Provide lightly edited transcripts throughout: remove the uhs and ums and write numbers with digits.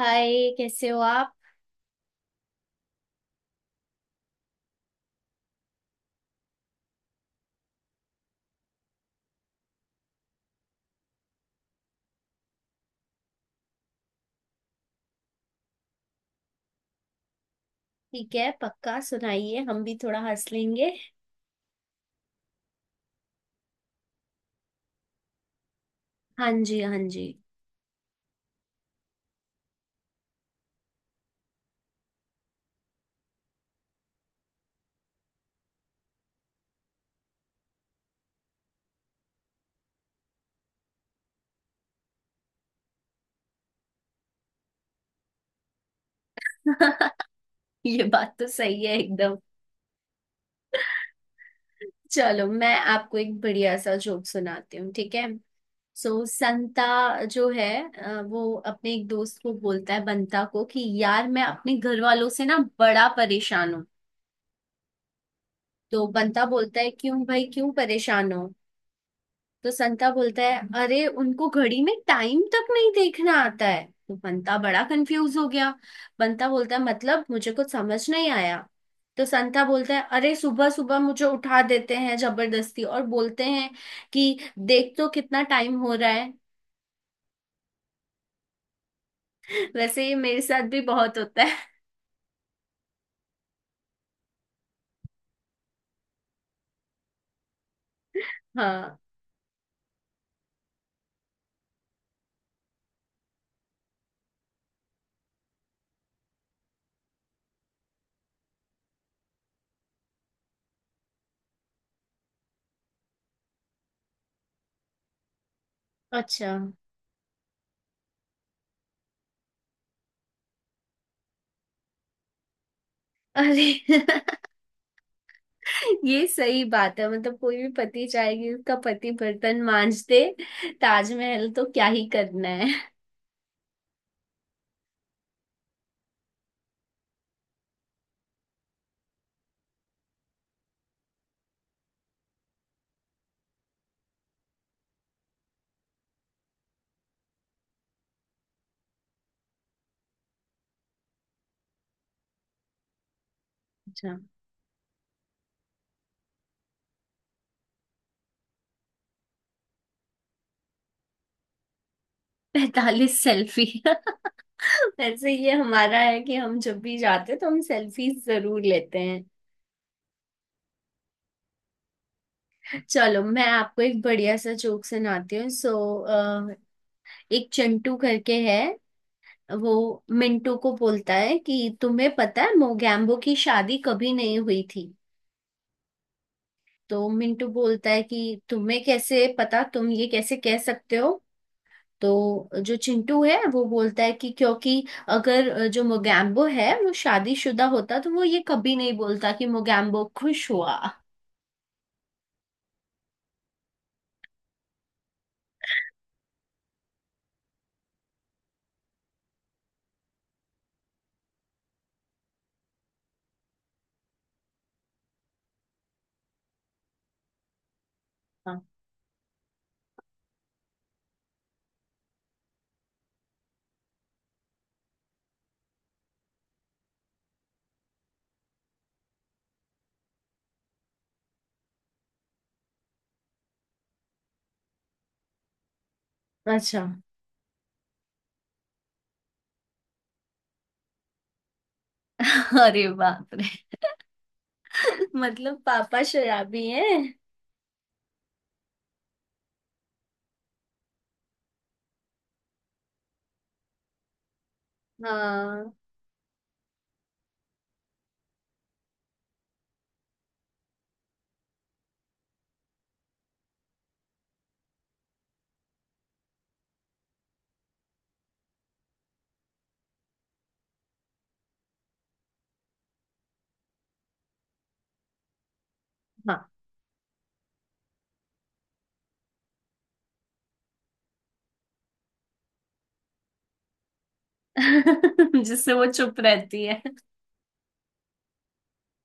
हाय, कैसे हो आप। ठीक है, पक्का सुनाइए, हम भी थोड़ा हंस लेंगे। हाँ जी, हाँ जी। ये बात तो सही है एकदम। चलो मैं आपको एक बढ़िया सा जोक सुनाती हूँ, ठीक है। सो संता जो है, वो अपने एक दोस्त को बोलता है बंता को कि यार मैं अपने घर वालों से ना बड़ा परेशान हूँ। तो बंता बोलता है क्यों भाई, क्यों परेशान हो। तो संता बोलता है अरे उनको घड़ी में टाइम तक नहीं देखना आता है, तो बंता बड़ा कंफ्यूज हो गया। बंता बोलता है मतलब मुझे कुछ समझ नहीं आया। तो संता बोलता है अरे सुबह सुबह मुझे उठा देते हैं जबरदस्ती और बोलते हैं कि देख तो कितना टाइम हो रहा है। वैसे ये मेरे साथ भी बहुत होता है। हाँ। अच्छा। अरे ये सही बात है, मतलब कोई भी पति चाहेगी उसका पति बर्तन मांज दे। ताजमहल तो क्या ही करना है। अच्छा। 45 सेल्फी। वैसे ये हमारा है कि हम जब भी जाते हैं तो हम सेल्फी जरूर लेते हैं। चलो मैं आपको एक बढ़िया सा जोक सुनाती हूँ। सो एक चिंटू करके है, वो मिंटू को बोलता है कि तुम्हें पता है मोगैम्बो की शादी कभी नहीं हुई थी। तो मिंटू बोलता है कि तुम्हें कैसे पता, तुम ये कैसे कह सकते हो। तो जो चिंटू है वो बोलता है कि क्योंकि अगर जो मोगैम्बो है वो शादीशुदा होता तो वो ये कभी नहीं बोलता कि मोगैम्बो खुश हुआ। हाँ, अच्छा। अरे बाप रे। मतलब पापा शराबी है। हाँ। हाँ। जिससे वो चुप रहती है।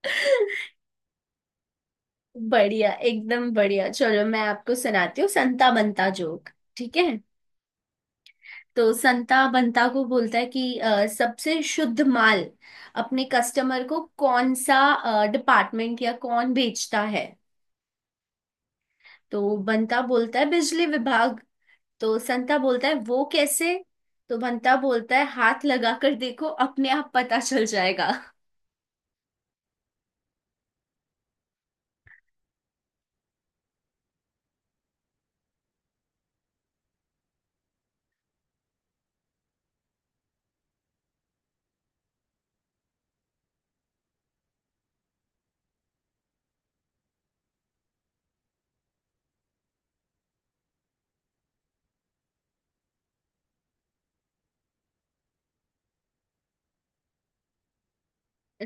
बढ़िया, एकदम बढ़िया। चलो मैं आपको सुनाती हूँ संता बनता जोक, ठीक है। तो संता बंता को बोलता है कि सबसे शुद्ध माल अपने कस्टमर को कौन सा डिपार्टमेंट या कौन बेचता है। तो बंता बोलता है बिजली विभाग। तो संता बोलता है वो कैसे। तो बंता बोलता है हाथ लगा कर देखो अपने आप पता चल जाएगा।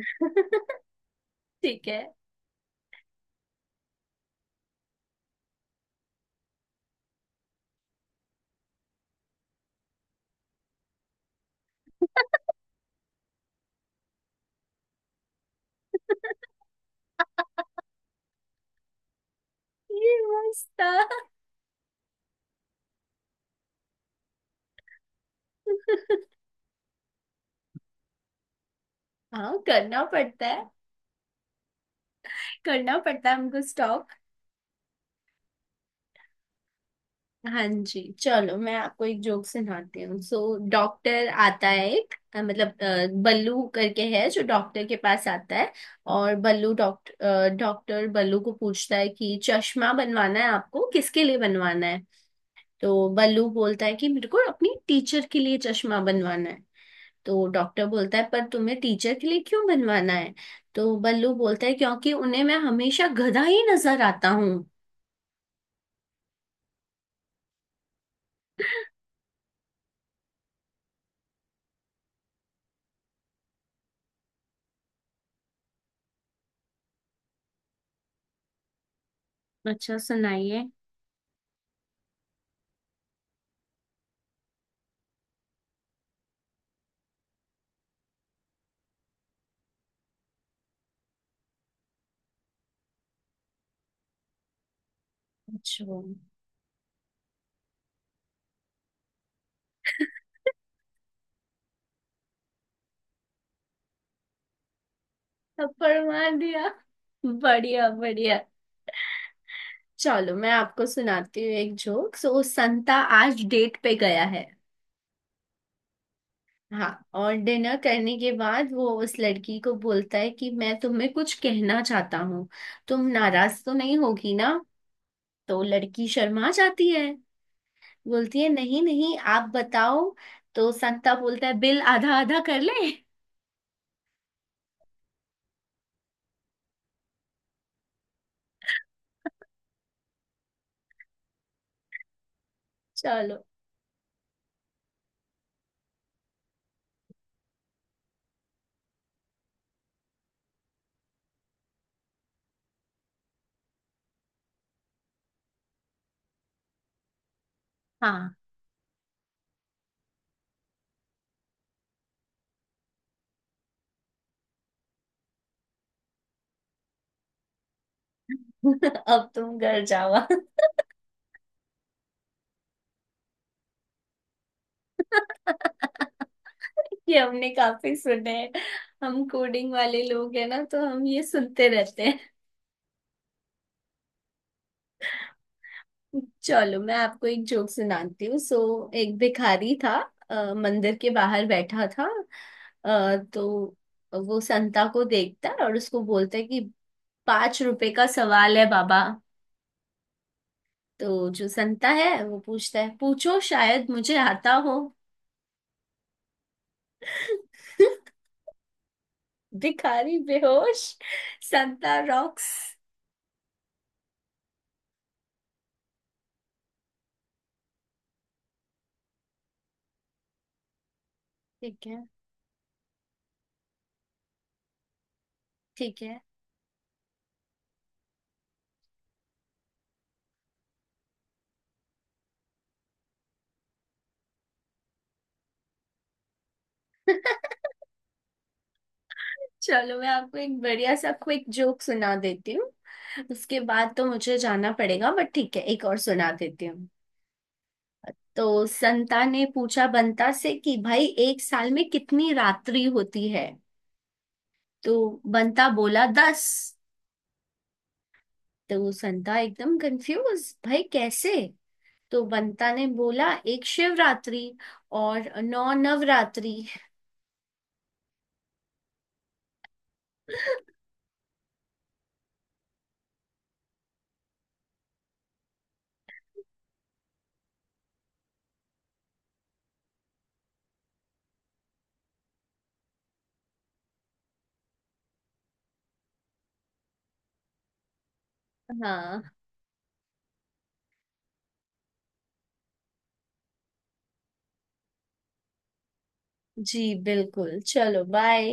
ठीक है, ये मस्त था। हाँ, करना पड़ता है। करना पड़ता है हमको स्टॉक। हाँ जी, चलो मैं आपको एक जोक सुनाती हूँ। सो डॉक्टर आता है एक, मतलब बल्लू करके है जो डॉक्टर के पास आता है। और बल्लू डॉक्टर डॉक्टर बल्लू को पूछता है कि चश्मा बनवाना है आपको, किसके लिए बनवाना है। तो बल्लू बोलता है कि मेरे को अपनी टीचर के लिए चश्मा बनवाना है। तो डॉक्टर बोलता है पर तुम्हें टीचर के लिए क्यों बनवाना है। तो बल्लू बोलता है क्योंकि उन्हें मैं हमेशा गधा ही नजर आता हूँ। अच्छा, सुनाइए। अच्छा। थप्पड़ मार दिया। बढ़िया, बढ़िया। चलो मैं आपको सुनाती हूँ एक जोक। सो संता आज डेट पे गया है। हाँ। और डिनर करने के बाद वो उस लड़की को बोलता है कि मैं तुम्हें कुछ कहना चाहता हूँ, तुम नाराज तो नहीं होगी ना। तो लड़की शर्मा जाती है, बोलती है नहीं नहीं आप बताओ। तो संता बोलता है बिल आधा आधा कर ले। चलो। हाँ। अब तुम घर जाओ। ये हमने काफी सुने हैं। हम कोडिंग वाले लोग हैं ना तो हम ये सुनते रहते हैं। चलो मैं आपको एक जोक सुनाती हूँ। सो एक भिखारी था, मंदिर के बाहर बैठा था। तो वो संता को देखता है और उसको बोलता है कि 5 रुपए का सवाल है बाबा। तो जो संता है वो पूछता है पूछो शायद मुझे आता हो। भिखारी बेहोश। संता रॉक्स। ठीक है। ठीक है। चलो मैं आपको एक बढ़िया सा क्विक जोक सुना देती हूँ। उसके बाद तो मुझे जाना पड़ेगा, बट ठीक है एक और सुना देती हूँ। तो संता ने पूछा बंता से कि भाई एक साल में कितनी रात्रि होती है। तो बंता बोला 10। तो संता एकदम कंफ्यूज, भाई कैसे। तो बंता ने बोला एक शिवरात्रि और नौ नवरात्रि। हाँ जी, बिल्कुल, चलो बाय।